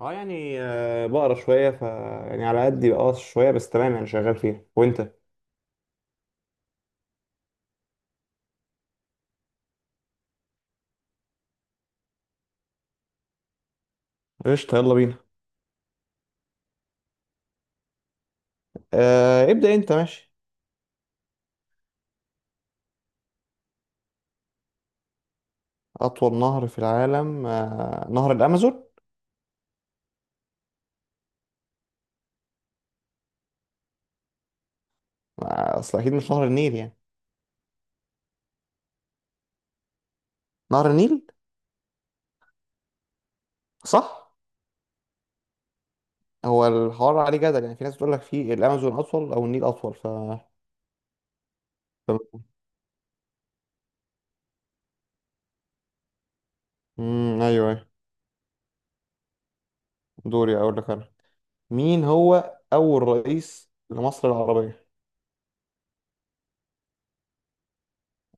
بقرا شوية يعني على قدي شوية بس تمام يعني شغال فيها. وانت؟ قشطة، يلا بينا. آه، ابدأ انت. ماشي. أطول نهر في العالم نهر الأمازون. أصل أكيد مش نهر النيل يعني. نهر النيل. صح. هو الحوار عليه جدل، يعني في ناس بتقول لك في الأمازون أطول أو النيل أطول. ف- أيوه أيوه. دوري أقول لك أنا. مين هو أول رئيس لمصر العربية؟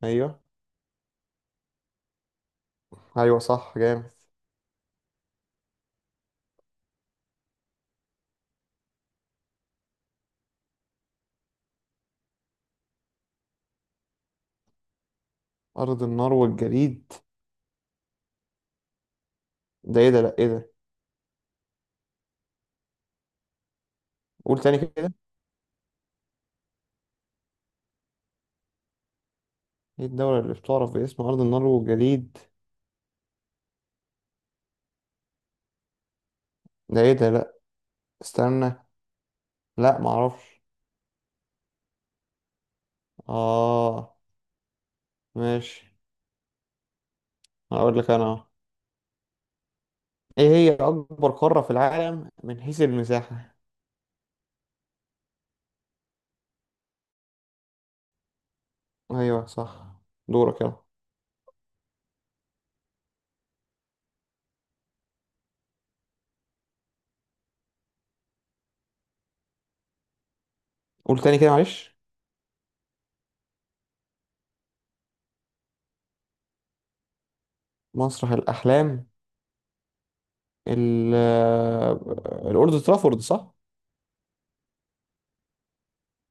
أيوه. أيوه صح، جامد. أرض النار والجليد. ده إيه ده؟ لأ إيه ده. قول تاني كده. ايه الدولة اللي بتعرف باسم أرض النار والجليد؟ ده ايه ده؟ لأ، استنى. لأ، معرفش. اه، ماشي. هقول لك أنا أهو. ايه هي أكبر قارة في العالم من حيث المساحة؟ أيوه صح. دورك يلا. قول تاني كده، معلش. مسرح الأحلام. ال الأولد ترافورد، صح؟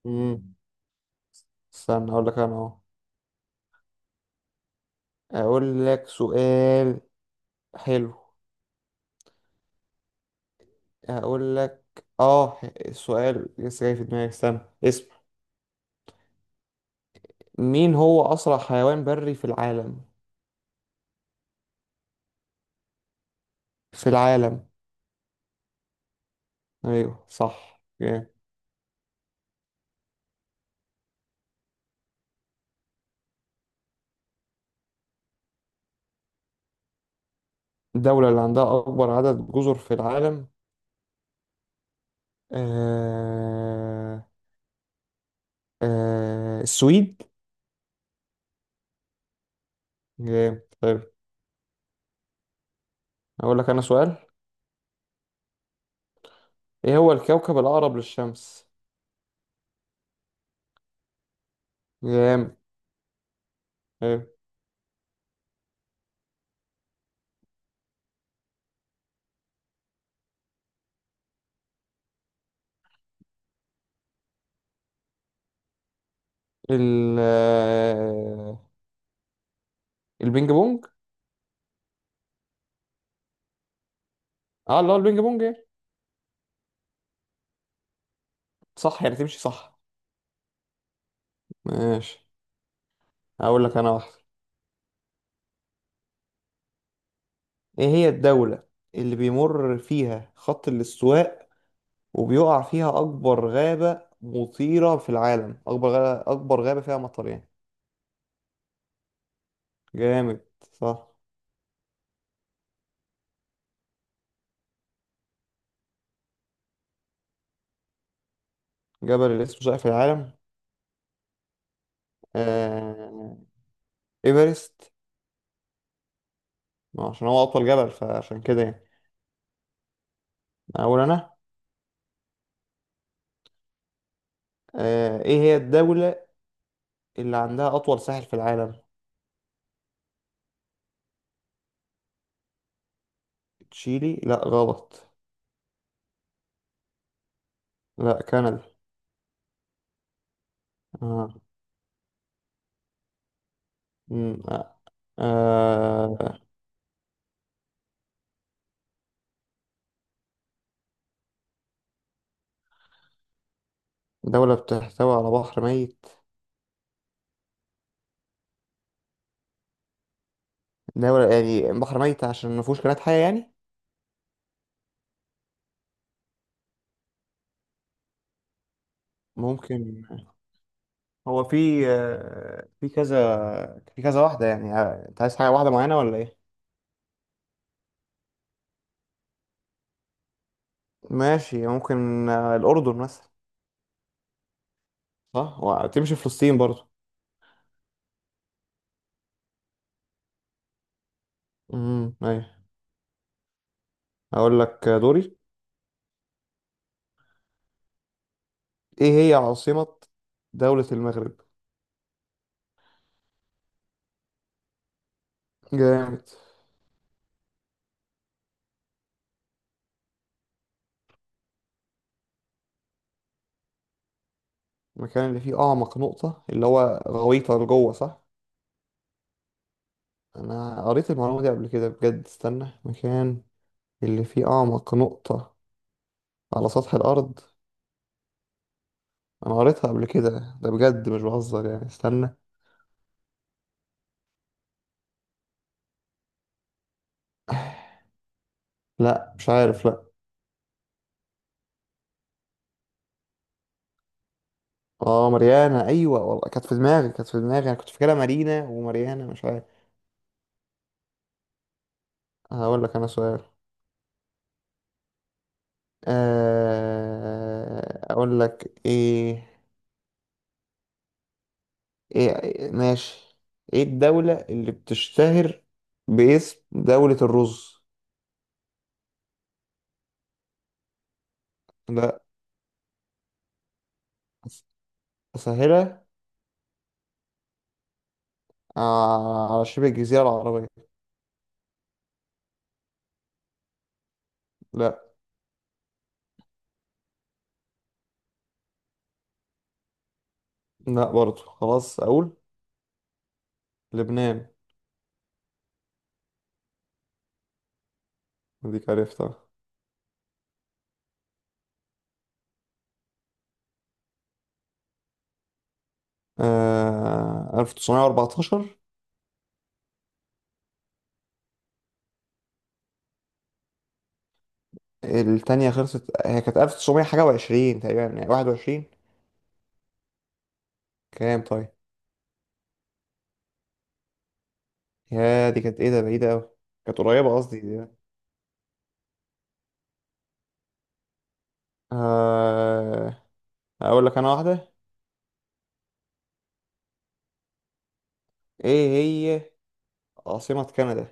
مم. استنى أقول لك أنا أهو. أقول لك سؤال حلو. أقول لك، اه السؤال لسه جاي في دماغي، استنى اسم. مين هو أسرع حيوان بري في العالم؟ في العالم. أيوه صح، جامد. الدولة اللي عندها أكبر عدد جزر في العالم. آه... السويد. جامد، طيب. أقول لك أنا سؤال. إيه هو الكوكب الأقرب للشمس؟ جامد، طيب. ال آه، البينج بونج. اه لا، البينج بونج إيه؟ صح، يعني تمشي صح. ماشي. أقول لك أنا واحدة. إيه هي الدولة اللي بيمر فيها خط الاستواء وبيقع فيها أكبر غابة مطيرة في العالم، أكبر غابة، أكبر غابة فيها مطرين؟ جامد، صح. جبل اللي اسمه شائع في العالم؟ آه... إيفرست. ما عشان هو أطول جبل، فعشان كده يعني. أقول أنا. إيه هي الدولة اللي عندها أطول ساحل في العالم؟ تشيلي لا غلط. لا، كندا. آه. مم، آه. آه، دولة بتحتوي على بحر ميت. دولة يعني بحر ميت عشان ما فيهوش كائنات حية يعني. ممكن. هو في في كذا، في كذا واحدة يعني، انت عايز حاجة واحدة معينة ولا ايه؟ ماشي، ممكن الأردن مثلا. صح، وتمشي فلسطين برضه. ايوه. هقول لك، دوري. ايه هي عاصمة دولة المغرب؟ جامد. المكان اللي فيه أعمق نقطة، اللي هو غويطة لجوه، صح؟ أنا قريت المعلومة دي قبل كده، بجد. استنى. مكان اللي فيه أعمق نقطة على سطح الأرض. أنا قريتها قبل كده، ده بجد مش بهزر يعني. استنى. لا، مش عارف، لا. اه، مريانة. ايوه والله، كانت في دماغي، كانت في دماغي، انا كنت فاكرها مارينا ومريانة، مش عارف. هقول لك انا سؤال. اقول لك ايه. ايه. ماشي. ايه الدولة اللي بتشتهر باسم دولة الرز؟ لا. أس- اسهلها. على شبه الجزيرة العربية. لا. لا برضو، خلاص اقول. لبنان. ديك عرفتها. آه، 1914. التانية خلصت، هي كانت 1900 حاجة وعشرين تقريبا، يعني 21. كام طيب؟ يا دي كانت ايه، ده بعيدة أوي. كانت قريبة قصدي دي. آه... أقول لك أنا واحدة. ايه هي عاصمة كندا؟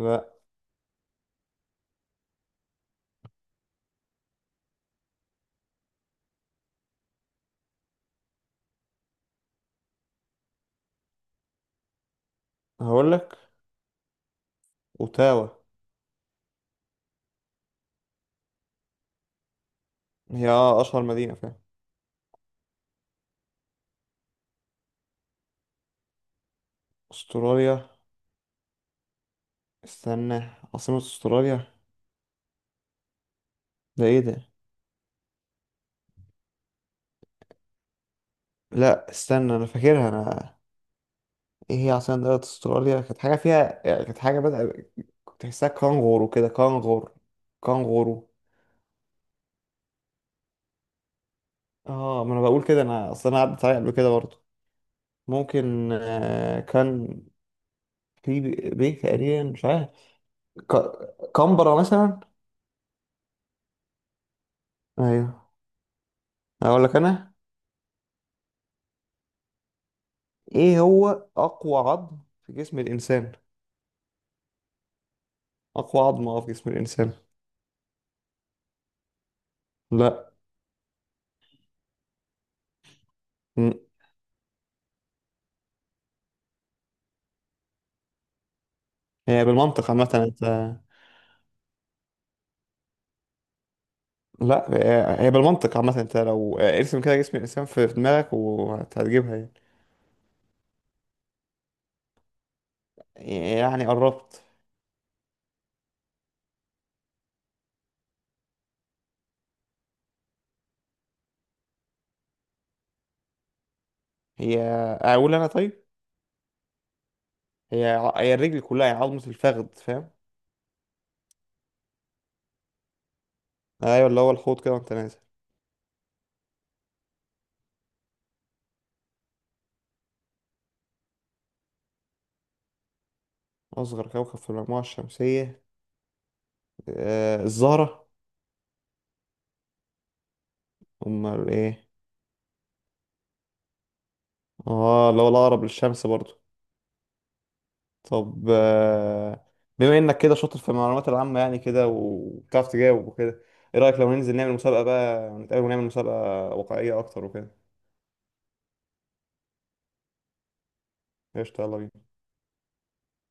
لا. هقول لك. أوتاوا. هي أشهر مدينة فعلا. أستراليا. استنى، عاصمة أستراليا. ده ايه ده؟ لا استنى، أنا فاكرها أنا. ايه هي عاصمة دولة أستراليا؟ كانت حاجة فيها يعني، كانت حاجة بدأ، كنت تحسها كانغورو كده، كانغور، كانغورو. اه، ما انا بقول كده، انا اصل انا عدت عليا قبل كده برضه. ممكن كان في بيت تقريبا، مش عارف. كمبرة مثلا. ايوه. اقول لك انا. ايه هو اقوى عظم في جسم الانسان؟ اقوى عظمة في جسم الانسان. لا. م. هي بالمنطق عامة، انت. لا، هي هي بالمنطق عامة، انت لو ارسم كده جسم الانسان في دماغك وهتجيبها يعني. يعني قربت. هي اقول انا طيب. هي هي الرجل كلها، هي عظمة الفخذ، فاهم؟ ايوه، اللي هو الحوت كده وانت نازل. اصغر كوكب في المجموعه الشمسيه الزهره. امال ايه؟ اه، اللي هو الاقرب للشمس برضو. طب بما انك كده شاطر في المعلومات العامه يعني كده وبتعرف تجاوب وكده، ايه رايك لو ننزل نعمل مسابقه بقى، نتقابل ونعمل مسابقه واقعيه اكتر وكده؟ قشطه، يلا بينا.